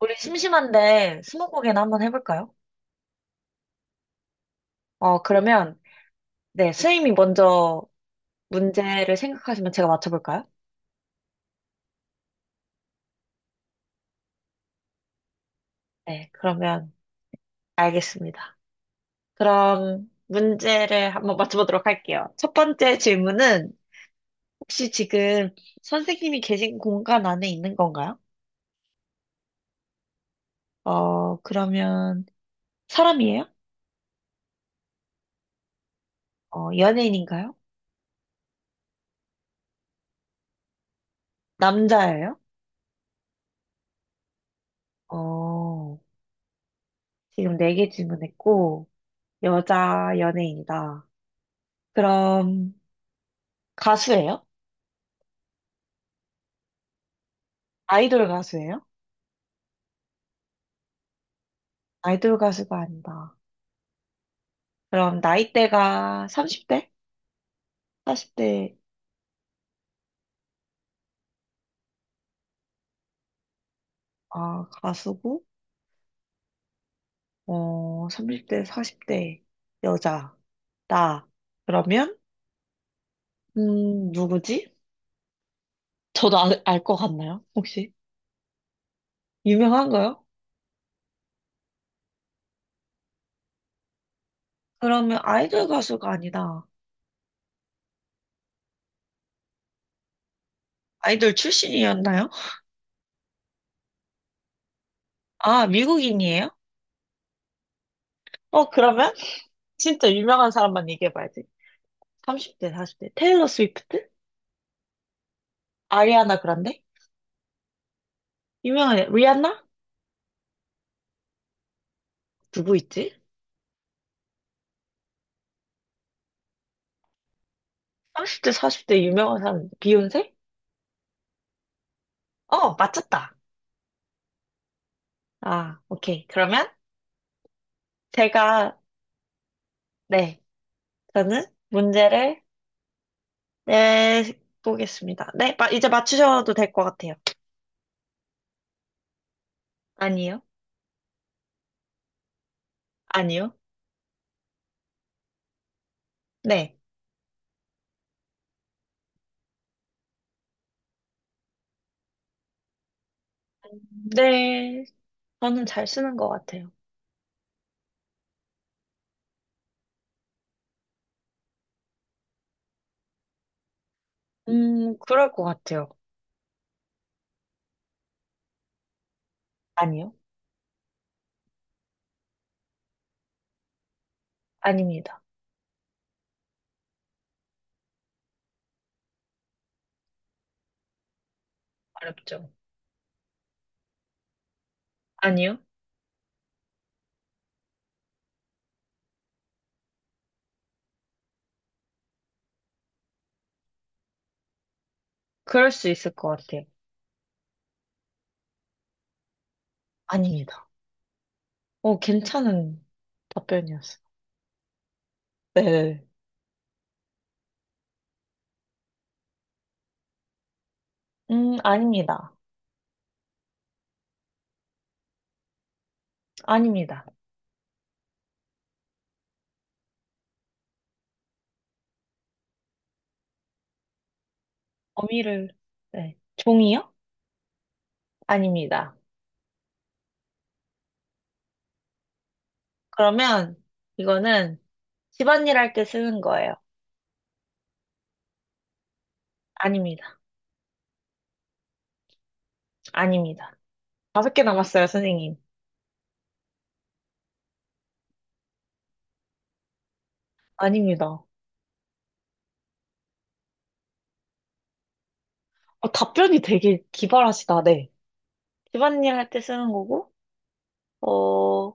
우리 심심한데 스무고개나 한번 해볼까요? 그러면 네, 스님이 먼저 문제를 생각하시면 제가 맞춰볼까요? 네, 그러면 알겠습니다. 그럼 문제를 한번 맞춰보도록 할게요. 첫 번째 질문은 혹시 지금 선생님이 계신 공간 안에 있는 건가요? 그러면 사람이에요? 연예인인가요? 남자예요? 어, 지금 네 개 질문했고 여자 연예인이다. 그럼 가수예요? 아이돌 가수예요? 아이돌 가수가 아니다. 그럼 나이대가 30대? 40대. 아, 가수고 30대, 40대 여자. 나. 그러면 누구지? 저도 알것 같나요? 혹시? 유명한가요? 그러면 아이돌 가수가 아니다. 아이돌 출신이었나요? 아, 미국인이에요? 그러면 진짜 유명한 사람만 얘기해봐야지. 30대, 40대. 테일러 스위프트? 아리아나 그란데? 유명한, 리안나? 누구 있지? 30대, 40대 유명한 사람, 비욘세? 맞췄다. 아, 오케이. 그러면 제가, 네, 저는 문제를 내보겠습니다. 네, 이제 맞추셔도 될 것 같아요. 아니요? 아니요? 네. 네, 저는 잘 쓰는 것 같아요. 그럴 것 같아요. 아니요? 아닙니다. 어렵죠? 아니요? 그럴 수 있을 것 같아요. 아닙니다. 괜찮은 답변이었어요. 네. 아닙니다. 아닙니다. 범위를 네. 종이요? 아닙니다. 그러면 이거는 집안일 할 때 쓰는 거예요. 아닙니다. 아닙니다. 다섯 개 남았어요, 선생님. 아닙니다. 답변이 되게 기발하시다, 네. 집안일 할 때 쓰는 거고, 어,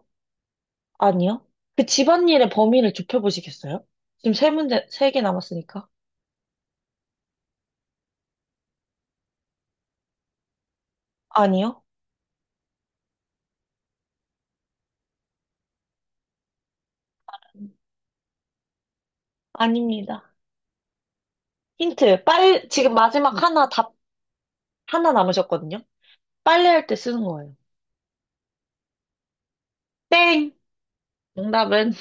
아니요. 그 집안일의 범위를 좁혀보시겠어요? 지금 세 문제, 세 개 남았으니까. 아니요. 아닙니다. 힌트. 지금 마지막 하나 하나 남으셨거든요. 빨래할 때 쓰는 거예요. 땡! 정답은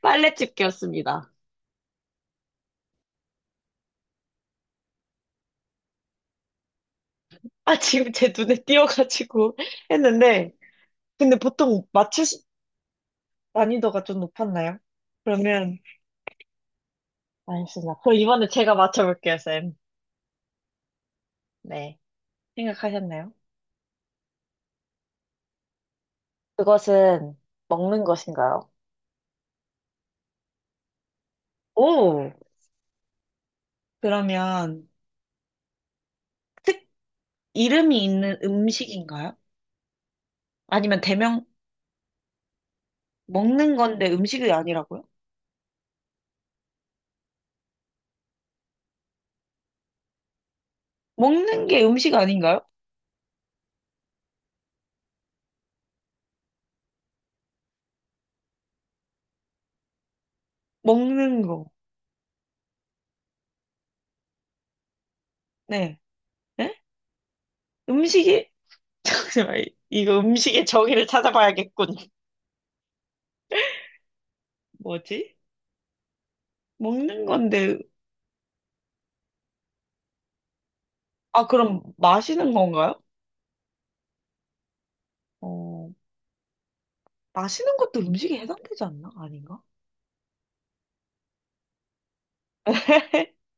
빨래집게였습니다. 아, 지금 제 눈에 띄어가지고 했는데, 근데 보통 맞출 수- 난이도가 좀 높았나요? 그러면, 알겠습니다. 그럼 이번에 제가 맞춰볼게요, 쌤. 네. 생각하셨나요? 그것은 먹는 것인가요? 오! 그러면, 특, 이름이 있는 음식인가요? 아니면 대명, 먹는 건데 음식이 아니라고요? 먹는 게 음식 아닌가요? 먹는 거. 네. 네? 음식이, 잠시만, 이거 음식의 정의를 찾아봐야겠군. 뭐지? 먹는 건데, 아, 그럼 마시는 건가요? 어, 마시는 것도 음식에 해당되지 않나? 아닌가?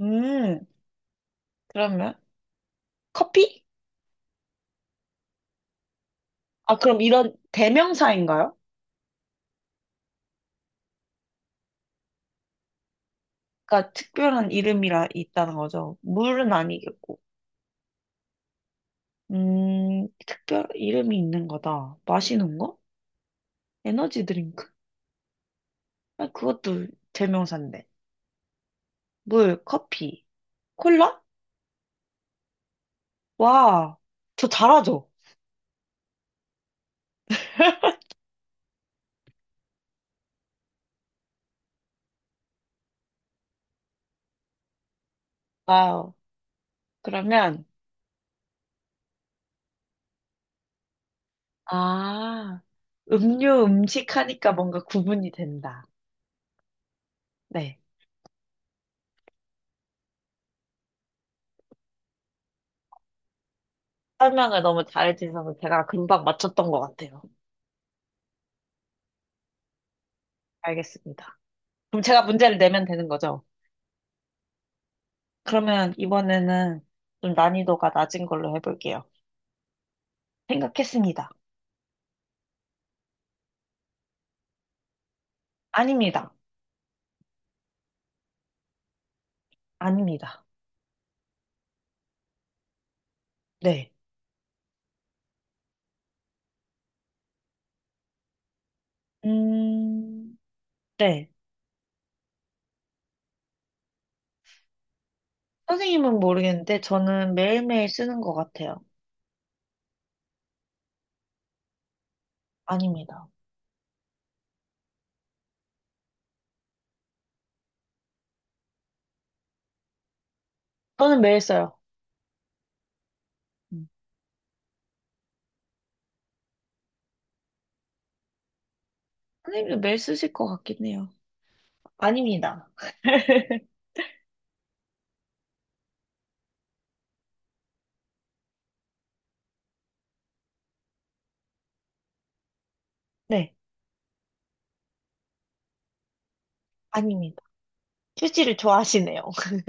음, 그러면 커피? 아, 그럼 이런 대명사인가요? 그러니까 특별한 이름이라 있다는 거죠. 물은 아니겠고. 특별 이름이 있는 거다. 마시는 거? 에너지 드링크? 아, 그것도 대명사인데. 물, 커피, 콜라? 와, 저 잘하죠? 와우. 그러면 아, 음료, 음식 하니까 뭔가 구분이 된다. 네. 설명을 너무 잘해주셔서 제가 금방 맞췄던 것 같아요. 알겠습니다. 그럼 제가 문제를 내면 되는 거죠? 그러면 이번에는 좀 난이도가 낮은 걸로 해볼게요. 생각했습니다. 아닙니다. 아닙니다. 네. 음, 네. 선생님은 모르겠는데 저는 매일매일 쓰는 것 같아요. 아닙니다. 저는 매일 써요. 선생님도 매일 쓰실 것 같긴 해요. 아닙니다. 네, 아닙니다. 휴지를 좋아하시네요.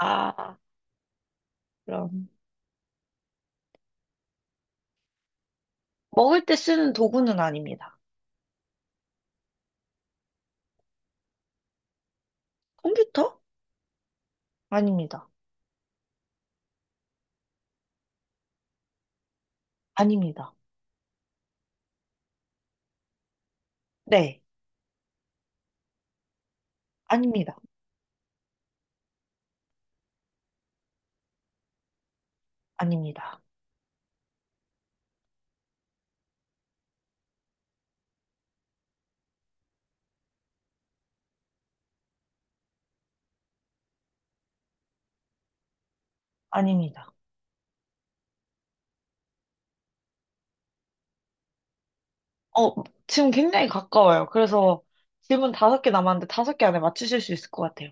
아, 그럼. 먹을 때 쓰는 도구는 아닙니다. 컴퓨터? 아닙니다. 아닙니다. 네, 아닙니다. 아닙니다. 아닙니다. 어, 지금 굉장히 가까워요. 그래서 질문 다섯 개 남았는데 다섯 개 안에 맞추실 수 있을 것 같아요.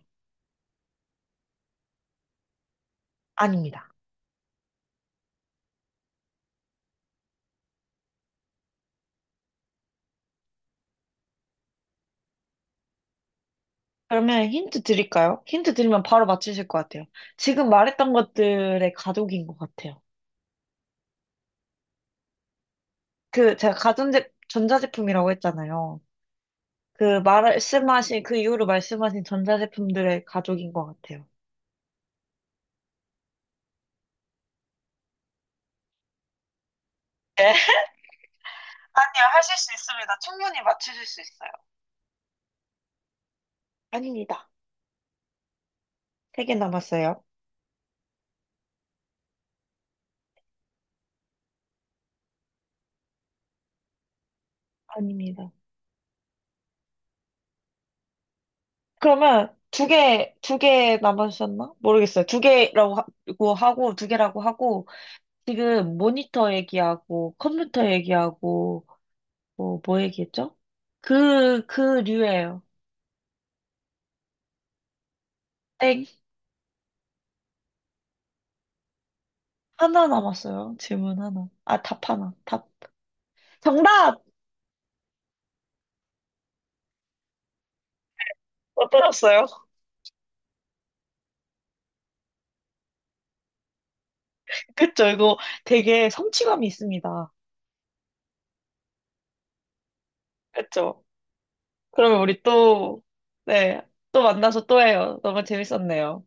아닙니다. 그러면 힌트 드릴까요? 힌트 드리면 바로 맞추실 것 같아요. 지금 말했던 것들의 가족인 것 같아요. 그 제가 가전제 전자제품이라고 했잖아요. 그 말씀하신 그 이후로 말씀하신 전자제품들의 가족인 것 같아요. 아니요, 하실 수 있습니다. 충분히 맞추실 수 있어요. 아닙니다. 세 개 남았어요. 아닙니다. 그러면 두 개 남았었나? 모르겠어요. 두 개라고 하고, 두 개라고 하고, 지금 모니터 얘기하고, 컴퓨터 얘기하고, 뭐, 뭐 얘기했죠? 그 류예요. 땡. 하나 남았어요. 질문 하나. 아, 답 하나. 답. 정답! 어떠셨어요? 그쵸, 이거 되게 성취감이 있습니다. 그쵸? 그러면 우리 또, 네, 또 만나서 또 해요. 너무 재밌었네요.